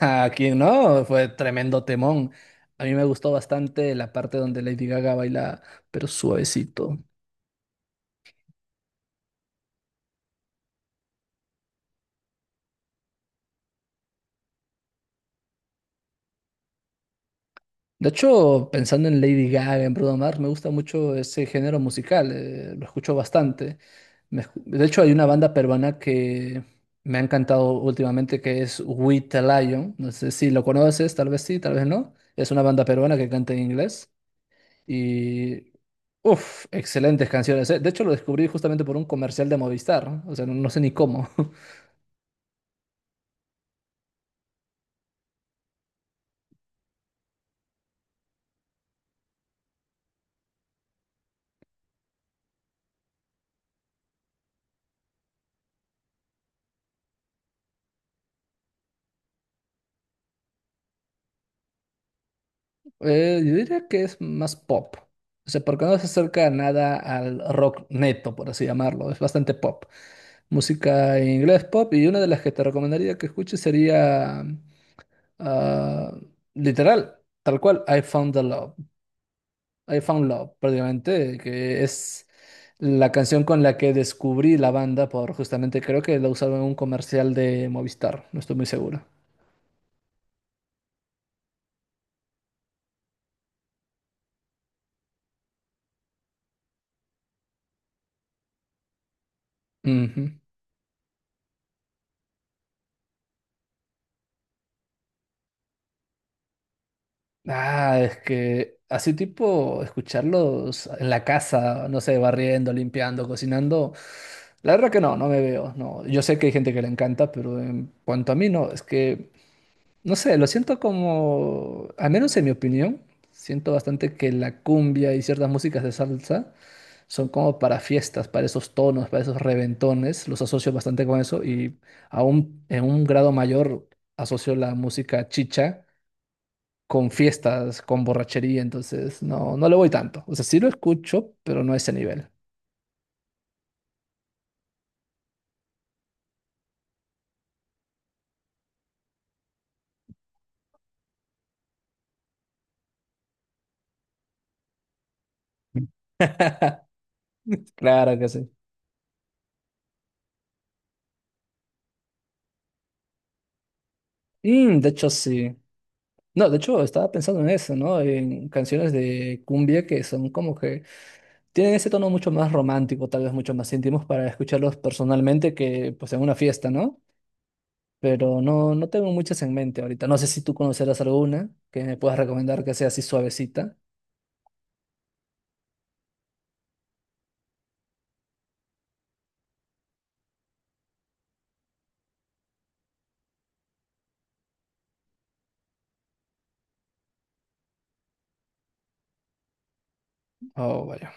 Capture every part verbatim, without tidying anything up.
¿A quién no? Fue tremendo temón. A mí me gustó bastante la parte donde Lady Gaga baila, pero suavecito. De hecho, pensando en Lady Gaga, en Bruno Mars, me gusta mucho ese género musical, eh, lo escucho bastante. Me escu- de hecho, hay una banda peruana que me ha encantado últimamente que es We The Lion. No sé si lo conoces, tal vez sí, tal vez no. Es una banda peruana que canta en inglés. Y uff, excelentes canciones. eh. De hecho, lo descubrí justamente por un comercial de Movistar, ¿no? O sea, no, no sé ni cómo. Eh, yo diría que es más pop. O sea, porque no se acerca nada al rock neto, por así llamarlo. Es bastante pop. Música en inglés pop. Y una de las que te recomendaría que escuches sería, ah, literal, tal cual, I Found the Love. I Found Love, prácticamente, que es la canción con la que descubrí la banda, por justamente creo que la usaron en un comercial de Movistar, no estoy muy seguro. Ujú. Ah, es que así tipo escucharlos en la casa, no sé, barriendo, limpiando, cocinando. La verdad que no, no me veo, no. Yo sé que hay gente que le encanta, pero en cuanto a mí no, es que no sé, lo siento como, al menos en mi opinión, siento bastante que la cumbia y ciertas músicas de salsa son como para fiestas, para esos tonos, para esos reventones. Los asocio bastante con eso y aún en un grado mayor asocio la música chicha con fiestas, con borrachería. Entonces, no, no le voy tanto. O sea, sí lo escucho, pero no a ese nivel. Claro que sí. Mm, de hecho, sí. No, de hecho, estaba pensando en eso, ¿no? En canciones de cumbia que son como que tienen ese tono mucho más romántico, tal vez mucho más íntimos para escucharlos personalmente que pues en una fiesta, ¿no? Pero no, no tengo muchas en mente ahorita. No sé si tú conocerás alguna que me puedas recomendar que sea así suavecita. Oh, vaya.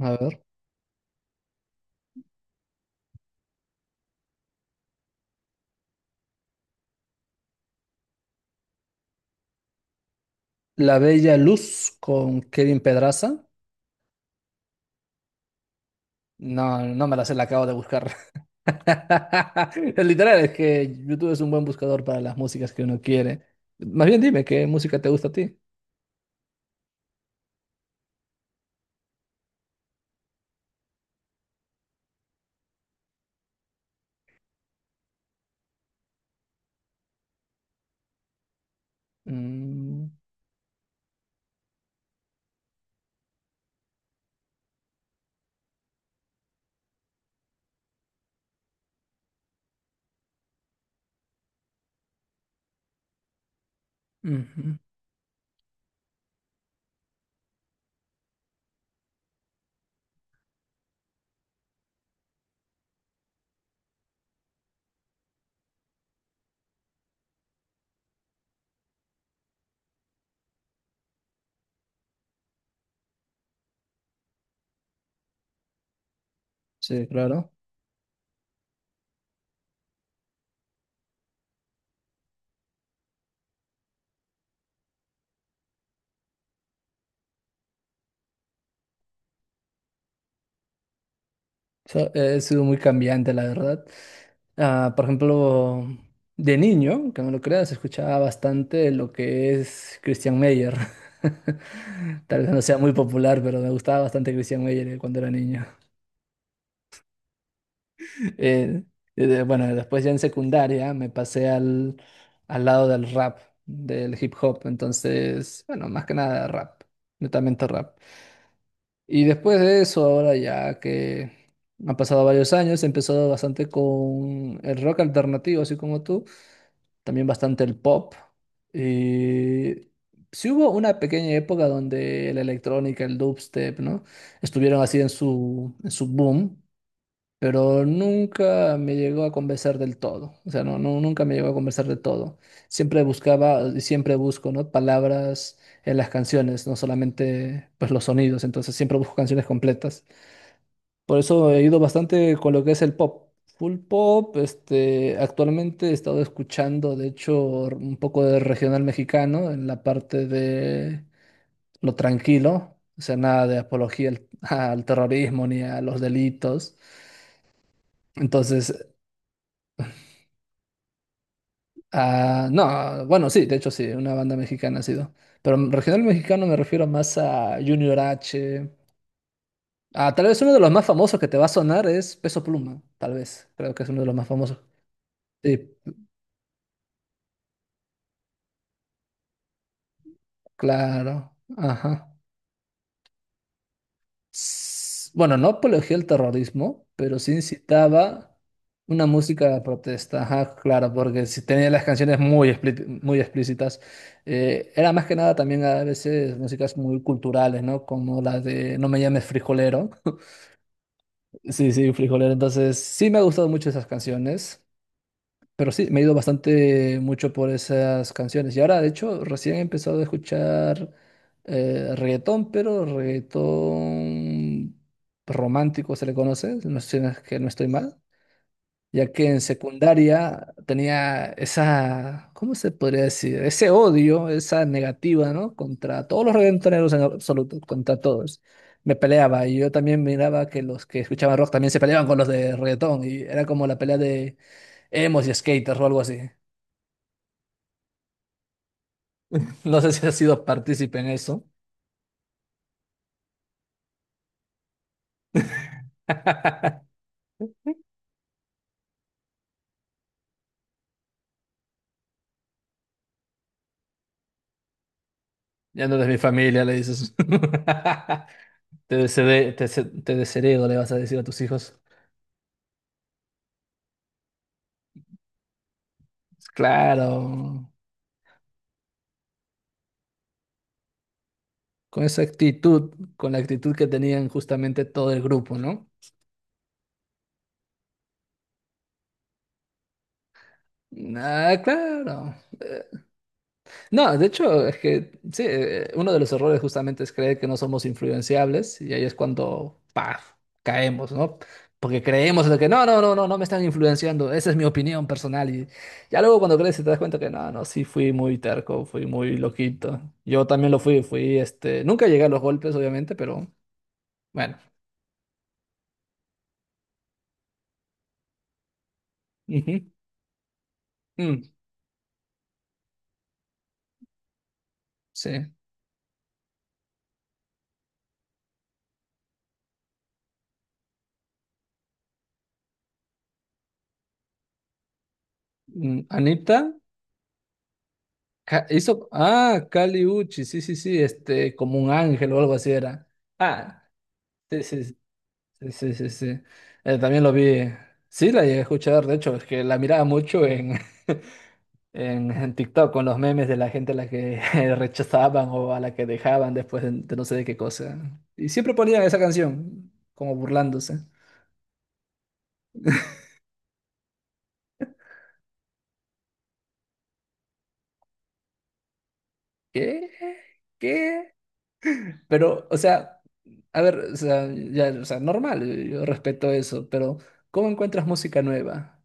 A ver. La Bella Luz con Kevin Pedraza. No, no me la sé, la acabo de buscar. Es literal, es que YouTube es un buen buscador para las músicas que uno quiere. Más bien dime, ¿qué música te gusta a ti? Mm, ujú. Sí, claro. So- eh, ha sido muy cambiante, la verdad. Ah, por ejemplo, de niño, que no lo creas, escuchaba bastante lo que es Christian Meyer. Tal vez no sea muy popular, pero me gustaba bastante Christian Meyer eh, cuando era niño. Eh, eh, de- bueno, después ya en secundaria me pasé al, al lado del rap, del hip hop. Entonces, bueno, más que nada rap, netamente rap. Y después de eso, ahora ya que han pasado varios años, he empezado bastante con el rock alternativo, así como tú, también bastante el pop. Y sí hubo una pequeña época donde la electrónica, el dubstep, ¿no? Estuvieron así en su, en su boom, pero nunca me llegó a convencer del todo, o sea, no, no, nunca me llegó a convencer del todo. Siempre buscaba, y siempre busco, ¿no? Palabras en las canciones, no solamente, pues, los sonidos, entonces siempre busco canciones completas. Por eso he ido bastante con lo que es el pop. Full pop, este, actualmente he estado escuchando, de hecho, r- un poco de regional mexicano en la parte de lo tranquilo, o sea, nada de apología al al terrorismo ni a los delitos. Entonces, ah, no, bueno, sí, de hecho sí, una banda mexicana ha sido. Pero regional mexicano me refiero más a Junior H. Ah, tal vez uno de los más famosos que te va a sonar es Peso Pluma, tal vez. Creo que es uno de los más famosos. Sí, claro. Ajá. S- bueno, no apología al terrorismo, pero sí incitaba una música de protesta. Ajá, claro, porque si tenía las canciones muy, explí- muy explícitas. Eh, era más que nada también a veces músicas muy culturales, ¿no? Como la de No me llames frijolero. Sí, sí, frijolero. Entonces, sí me ha gustado mucho esas canciones. Pero sí, me he ido bastante mucho por esas canciones. Y ahora, de hecho, recién he empezado a escuchar eh, reggaetón, pero reggaetón romántico se le conoce, no sé si no es que no estoy mal, ya que en secundaria tenía esa, ¿cómo se podría decir? Ese odio, esa negativa, ¿no? Contra todos los reggaetoneros en absoluto, contra todos. Me peleaba y yo también miraba que los que escuchaban rock también se peleaban con los de reggaetón y era como la pelea de emos y skaters o algo así. No sé si has sido partícipe en eso. Ya no eres mi familia, le dices. Te desheredo, te, se- te desheredo, le vas a decir a tus hijos. Claro, con esa actitud, con la actitud que tenían justamente todo el grupo, ¿no? Ah, claro. No, de hecho, es que sí, eh, uno de los errores justamente es creer que no somos influenciables y ahí es cuando, ¡paf!, caemos, ¿no? Porque creemos de que no, no, no, no, no me están influenciando, esa es mi opinión personal y ya luego cuando creces te das cuenta que no, no, sí fui muy terco, fui muy loquito. Yo también lo fui, fui, este, nunca llegué a los golpes, obviamente, pero bueno. Ujú. Mm, sí. Mm, Anita ca- hizo, ah, Kali Uchi, sí, sí, sí, este, como un ángel o algo así era. Ah. Sí, sí, sí. Sí, sí, sí, sí. Eh, también lo vi. Sí, la llegué a escuchar, de hecho, es que la miraba mucho en, en, en TikTok con los memes de la gente a la que rechazaban o a la que dejaban después de, de no sé de qué cosa. Y siempre ponían esa canción, como burlándose. ¿Qué? ¿Qué? Pero, o sea, a ver, o sea, ya, o sea, normal, yo respeto eso, pero ¿cómo encuentras música nueva?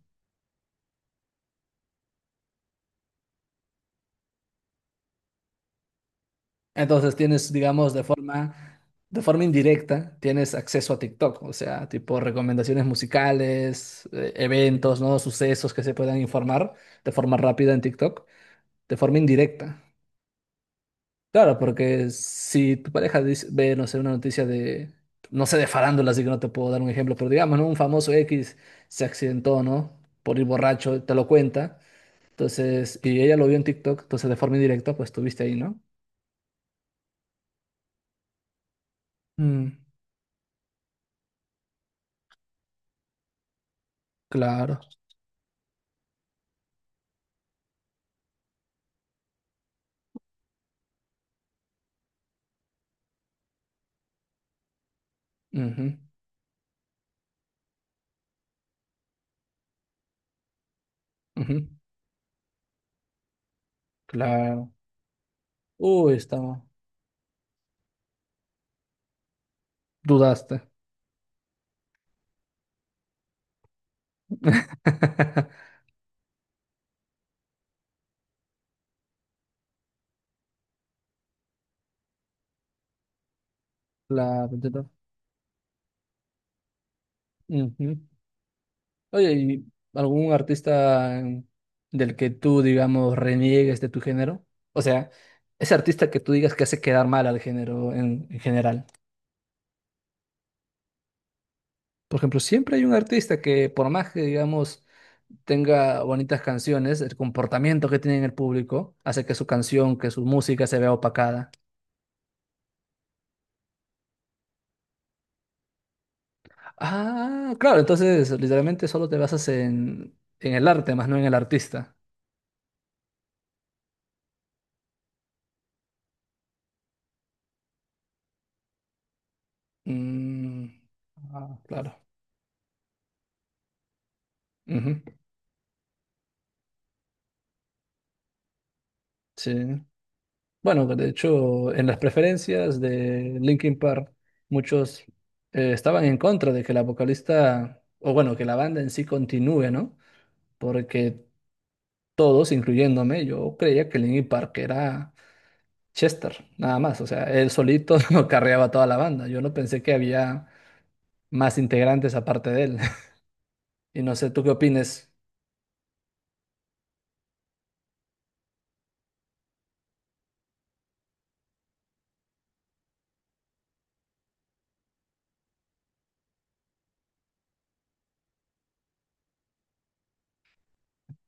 Entonces tienes, digamos, de forma, de forma indirecta, tienes acceso a TikTok, o sea, tipo recomendaciones musicales, eh, eventos, ¿no? Sucesos que se puedan informar de forma rápida en TikTok, de forma indirecta. Claro, porque si tu pareja dice- ve, no sé, una noticia de, no sé, de farándula, así que no te puedo dar un ejemplo, pero digamos, ¿no? Un famoso X se accidentó, ¿no? Por ir borracho, te lo cuenta. Entonces, y ella lo vio en TikTok, entonces de forma indirecta, pues estuviste ahí, ¿no? Mm, claro. Ujú. Ujú, claro. Uy, estaba. Dudaste. La verdad. Ujú. Oye, ¿y algún artista em, del que tú, digamos, reniegues de tu género? O sea, ese artista que tú digas que hace quedar mal al género en, en general. Por ejemplo, siempre hay un artista que, por más que, digamos, tenga bonitas canciones, el comportamiento que tiene en el público hace que su canción, que su música se vea opacada. Ah, claro, entonces literalmente solo te basas en, en el arte, más no en el artista. Mm, ah, claro. Ujú, sí. Bueno, de hecho, en las preferencias de Linkin Park, muchos eh, estaban en contra de que la vocalista, o bueno, que la banda en sí continúe, ¿no? Porque todos, incluyéndome, yo creía que Linkin Park era Chester, nada más. O sea, él solito carreaba toda la banda. Yo no pensé que había más integrantes aparte de él. Y no sé, ¿tú qué opines?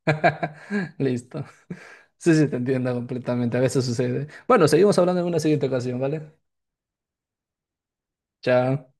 Listo. Sí, sí, te entiendo completamente. A veces sucede. Bueno, seguimos hablando en una siguiente ocasión, ¿vale? Chao.